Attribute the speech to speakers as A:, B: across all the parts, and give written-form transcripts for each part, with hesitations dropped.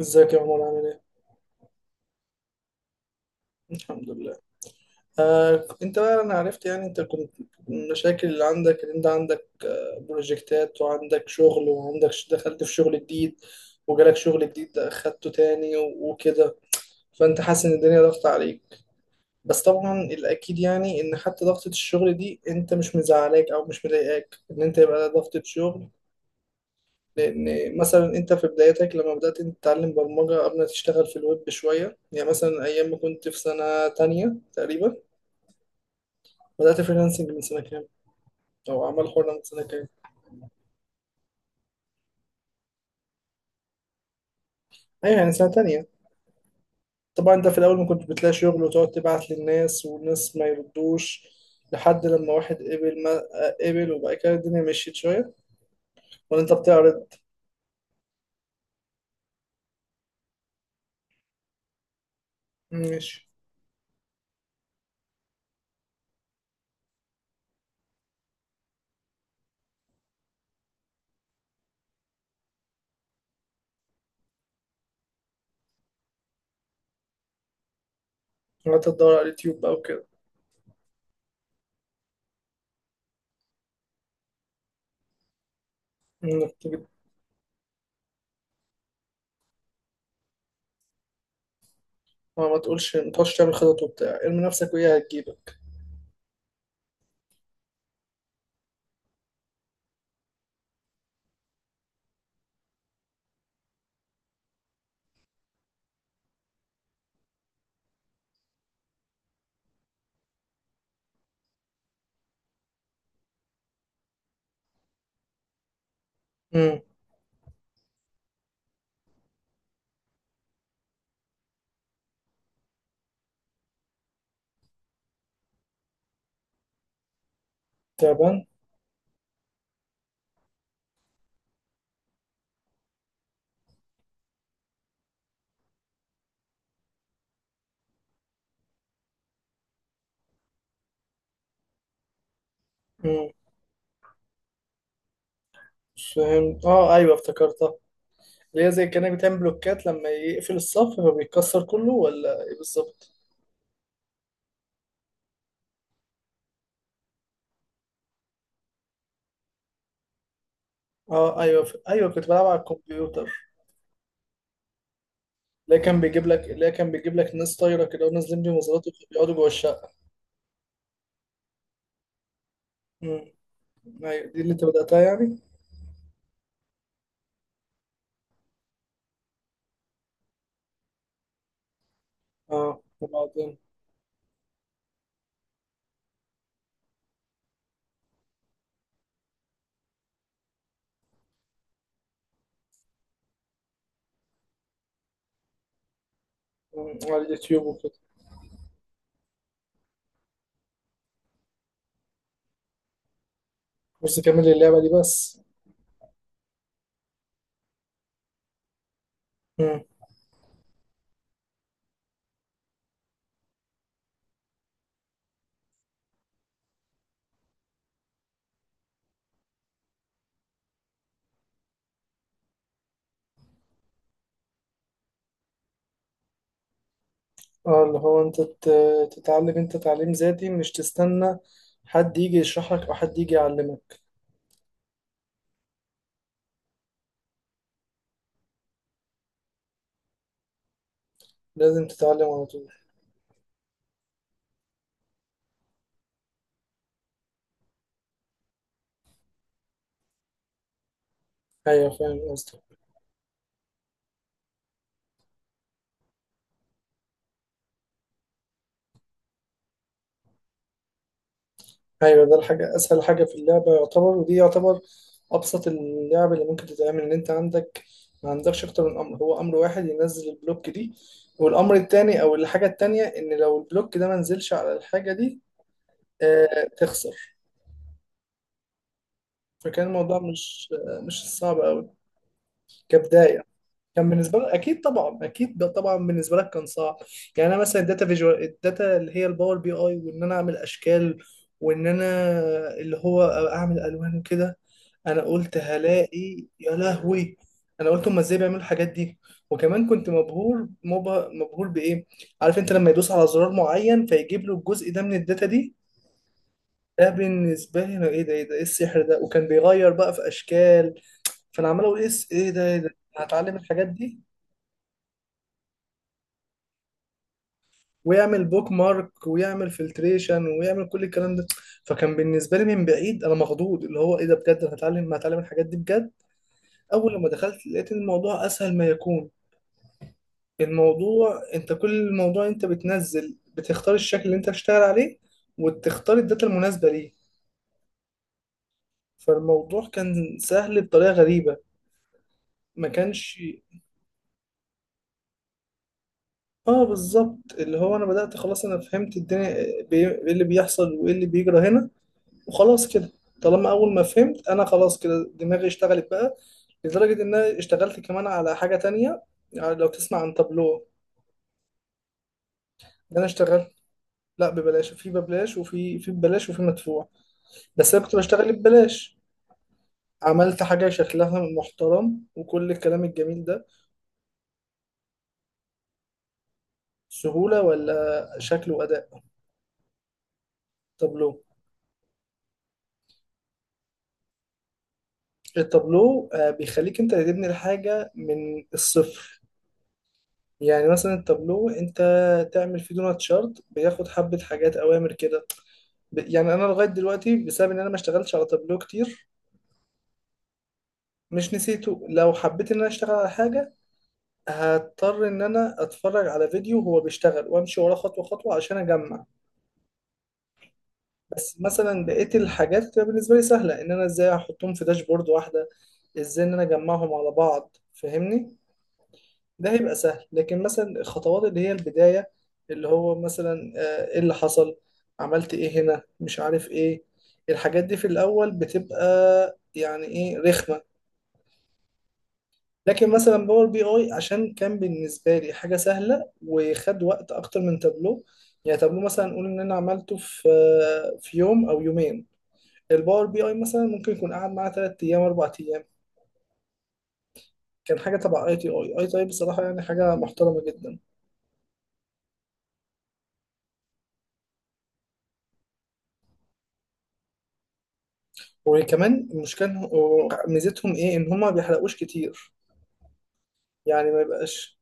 A: ازيك يا عمر عامل ايه؟ الحمد لله. آه، انت بقى انا عرفت يعني انت كنت المشاكل اللي عندك ان انت عندك بروجكتات وعندك شغل وعندك دخلت في شغل جديد، وجالك شغل جديد ده اخدته تاني وكده، فانت حاسس ان الدنيا ضغط عليك. بس طبعا الاكيد يعني ان حتى ضغطة الشغل دي انت مش مزعلاك او مش مضايقاك ان انت يبقى ضغطة شغل. لان مثلا انت في بدايتك لما بدأت انت تتعلم برمجة قبل ما تشتغل في الويب شوية، يعني مثلا ايام ما كنت في سنة تانية تقريبا. بدأت فريلانسنج من سنة كام؟ أو أعمال حرة من سنة كام؟ أيوة يعني سنة تانية. طبعا أنت في الأول ما كنت بتلاقي شغل وتقعد تبعت للناس والناس ما يردوش لحد لما واحد، قبل ما قبل وبقى كده الدنيا مشيت شوية، ولا أنت بتعرض؟ ماشي، وقعدت تدور على اليوتيوب بقى وكده. إنك تجيب، ما تقولش ما تقعدش تعمل خطط وبتاع، ارمي نفسك وهي هتجيبك. امم. تعبان؟ امم. فهمت، اه ايوه افتكرتها. اللي هي زي كأنك بتعمل بلوكات لما يقفل الصف فبيتكسر كله، ولا ايه بالظبط؟ اه ايوه، ايوه كنت بلعب على الكمبيوتر. اللي كان بيجيب لك ناس طايره كده ونازلين بمظلات وبيقعدوا جوه الشقه. امم، ايوه دي اللي انت بداتها يعني. اه وبعدين. مم. على اليوتيوب وكده. بس كمل اللعبه دي بس. امم، اه، اللي هو انت تتعلم، انت تعليم ذاتي مش تستنى حد يجي يشرح لك او حد يجي يعلمك. لازم تتعلم على طول. ايوه فاهم قصدك. ايوه ده الحاجه، اسهل حاجه في اللعبه يعتبر، ودي يعتبر ابسط اللعب اللي ممكن تتعمل. ان انت عندك ما عندكش اكتر من امر، هو امر واحد ينزل البلوك دي، والامر التاني او الحاجه التانيه ان لو البلوك ده ما نزلش على الحاجه دي آه تخسر. فكان الموضوع مش مش صعب قوي كبدايه. كان بالنسبه لك اكيد، طبعا اكيد، ده طبعا بالنسبه لك كان صعب. يعني انا مثلا الداتا فيجوال، الداتا اللي هي الباور بي اي، وان انا اعمل اشكال، وان انا اللي هو اعمل الوان وكده. انا قلت هلاقي يا لهوي، انا قلت هما ازاي بيعملوا الحاجات دي. وكمان كنت مبهور بايه؟ عارف انت لما يدوس على زرار معين فيجيب له الجزء ده من الداتا دي، ده بالنسبه لي انا ايه ده ايه ده ايه السحر ده، وكان بيغير بقى في اشكال. فانا عمال اقول ايه ده ايه ده. أنا هتعلم الحاجات دي، ويعمل بوك مارك ويعمل فلتريشن ويعمل كل الكلام ده. فكان بالنسبه لي من بعيد انا مخضوض، اللي هو ايه ده بجد، أنا هتعلم الحاجات دي بجد. اول لما دخلت لقيت إن الموضوع اسهل ما يكون. الموضوع انت كل موضوع انت بتنزل بتختار الشكل اللي انت هتشتغل عليه، وتختار الداتا المناسبة ليه. فالموضوع كان سهل بطريقة غريبة، ما كانش. اه بالظبط، اللي هو انا بدأت خلاص، انا فهمت الدنيا ايه اللي بيحصل وايه اللي بيجرى هنا، وخلاص كده. طالما اول ما فهمت انا خلاص كده دماغي اشتغلت بقى، لدرجة ان انا اشتغلت كمان على حاجة تانية. يعني لو تسمع عن تابلو، ده انا اشتغلت. لا ببلاش، في ببلاش وفي ببلاش وفي مدفوع، بس انا كنت بشتغل ببلاش. عملت حاجة شكلها محترم وكل الكلام الجميل ده. سهولة ولا شكل وأداء؟ تابلو. التابلو بيخليك انت اللي تبني الحاجة من الصفر. يعني مثلا التابلو انت تعمل فيه دونات شارت بياخد حبة حاجات اوامر كده. يعني انا لغاية دلوقتي بسبب ان انا ما اشتغلتش على تابلو كتير. مش نسيته، لو حبيت ان انا اشتغل على حاجة هضطر ان انا اتفرج على فيديو هو بيشتغل وامشي وراه خطوة خطوة عشان اجمع. بس مثلا بقيت الحاجات بتبقى بالنسبه لي سهله، ان انا ازاي احطهم في داشبورد واحده، ازاي ان انا اجمعهم على بعض، فاهمني؟ ده هيبقى سهل. لكن مثلا الخطوات اللي هي البدايه، اللي هو مثلا ايه اللي حصل، عملت ايه هنا، مش عارف ايه، الحاجات دي في الاول بتبقى يعني ايه رخمه. لكن مثلا باور بي اي عشان كان بالنسبه لي حاجه سهله، وخد وقت اكتر من تابلو. يعني تابلو مثلا نقول ان انا عملته في في يوم او يومين، الباور بي اي مثلا ممكن يكون قعد معاه تلات ايام اربع ايام. كان حاجه تبع اي تي اي بصراحه يعني حاجه محترمه جدا. وكمان المشكله إن ميزتهم ايه ان هما ما بيحرقوش كتير، يعني ما يبقاش.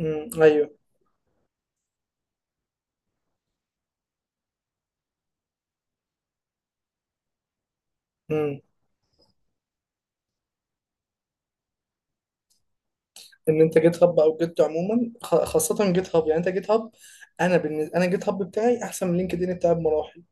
A: امم، ايوه، امم. ان انت جيت هاب او جيت عموما، خاصه جيت هاب، يعني انت جيت هاب. انا بالنسبه انا جيت هاب بتاعي احسن من لينكد ان بتاعي بمراحل.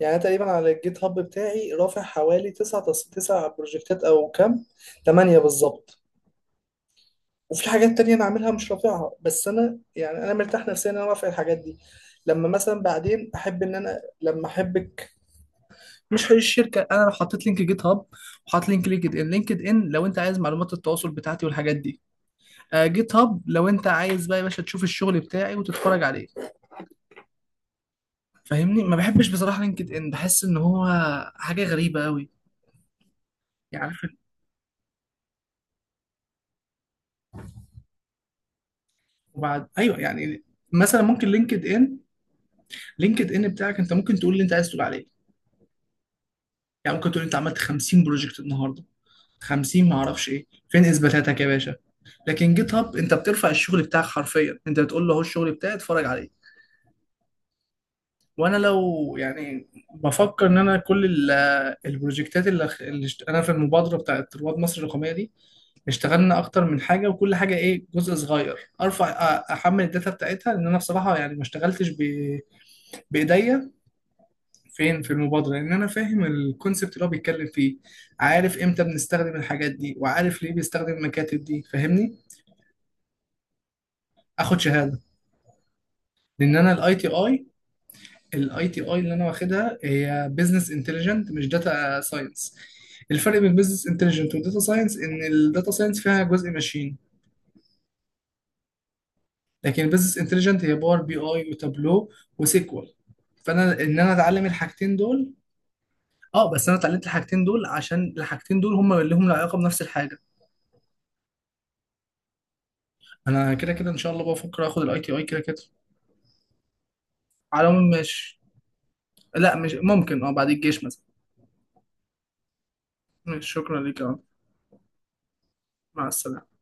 A: يعني أنا تقريبا على الجيت هاب بتاعي رافع حوالي تسع بروجكتات او كام، تمانية بالظبط. وفي حاجات تانية أنا عاملها مش رافعها، بس أنا يعني أنا مرتاح نفسيا إن أنا رافع الحاجات دي لما مثلا بعدين أحب إن أنا لما أحبك. مش هي الشركة، أنا لو حطيت لينك جيت هاب وحاطط لينك لينكد إن لو أنت عايز معلومات التواصل بتاعتي والحاجات دي. آه جيت هاب لو أنت عايز بقى يا باشا تشوف الشغل بتاعي وتتفرج عليه. فاهمني، ما بحبش بصراحة لينكد إن، بحس إن هو حاجة غريبة أوي، يعني عارف. وبعد أيوه يعني. مثلا ممكن لينكد إن بتاعك أنت ممكن تقول اللي أنت عايز تقول عليه. يعني ممكن تقول أنت عملت 50 بروجكت النهاردة، 50 معرفش ايه، فين اثباتاتك يا باشا؟ لكن جيت هاب انت بترفع الشغل بتاعك حرفيا، انت بتقول له اهو الشغل بتاعي اتفرج عليه. وانا لو يعني بفكر ان انا كل البروجكتات اللي انا في المبادره بتاعت رواد مصر الرقميه دي اشتغلنا اكتر من حاجه، وكل حاجه ايه جزء صغير ارفع، احمل الداتا بتاعتها لان انا بصراحه يعني ما اشتغلتش بايديا. فين في المبادره، لان انا فاهم الكونسبت اللي هو بيتكلم فيه، عارف امتى بنستخدم الحاجات دي وعارف ليه بيستخدم المكاتب دي، فاهمني؟ اخد شهاده، لان انا الاي تي اي. الاي تي اي اللي انا واخدها هي بزنس انتليجنت مش داتا ساينس. الفرق بين بزنس انتليجنت وداتا ساينس ان الداتا ساينس فيها جزء ماشين، لكن البزنس انتليجنت هي باور بي اي وتابلو وسيكوال. فانا ان انا اتعلم الحاجتين دول. اه، بس انا اتعلمت الحاجتين دول عشان الحاجتين دول هم اللي هم لهم علاقه بنفس الحاجه. انا كده كده ان شاء الله بفكر اخد الاي تي اي كده كده. على العموم ماشي. لا مش ممكن، اه بعد الجيش مثلا. ماشي، شكرا لك. مع السلامه.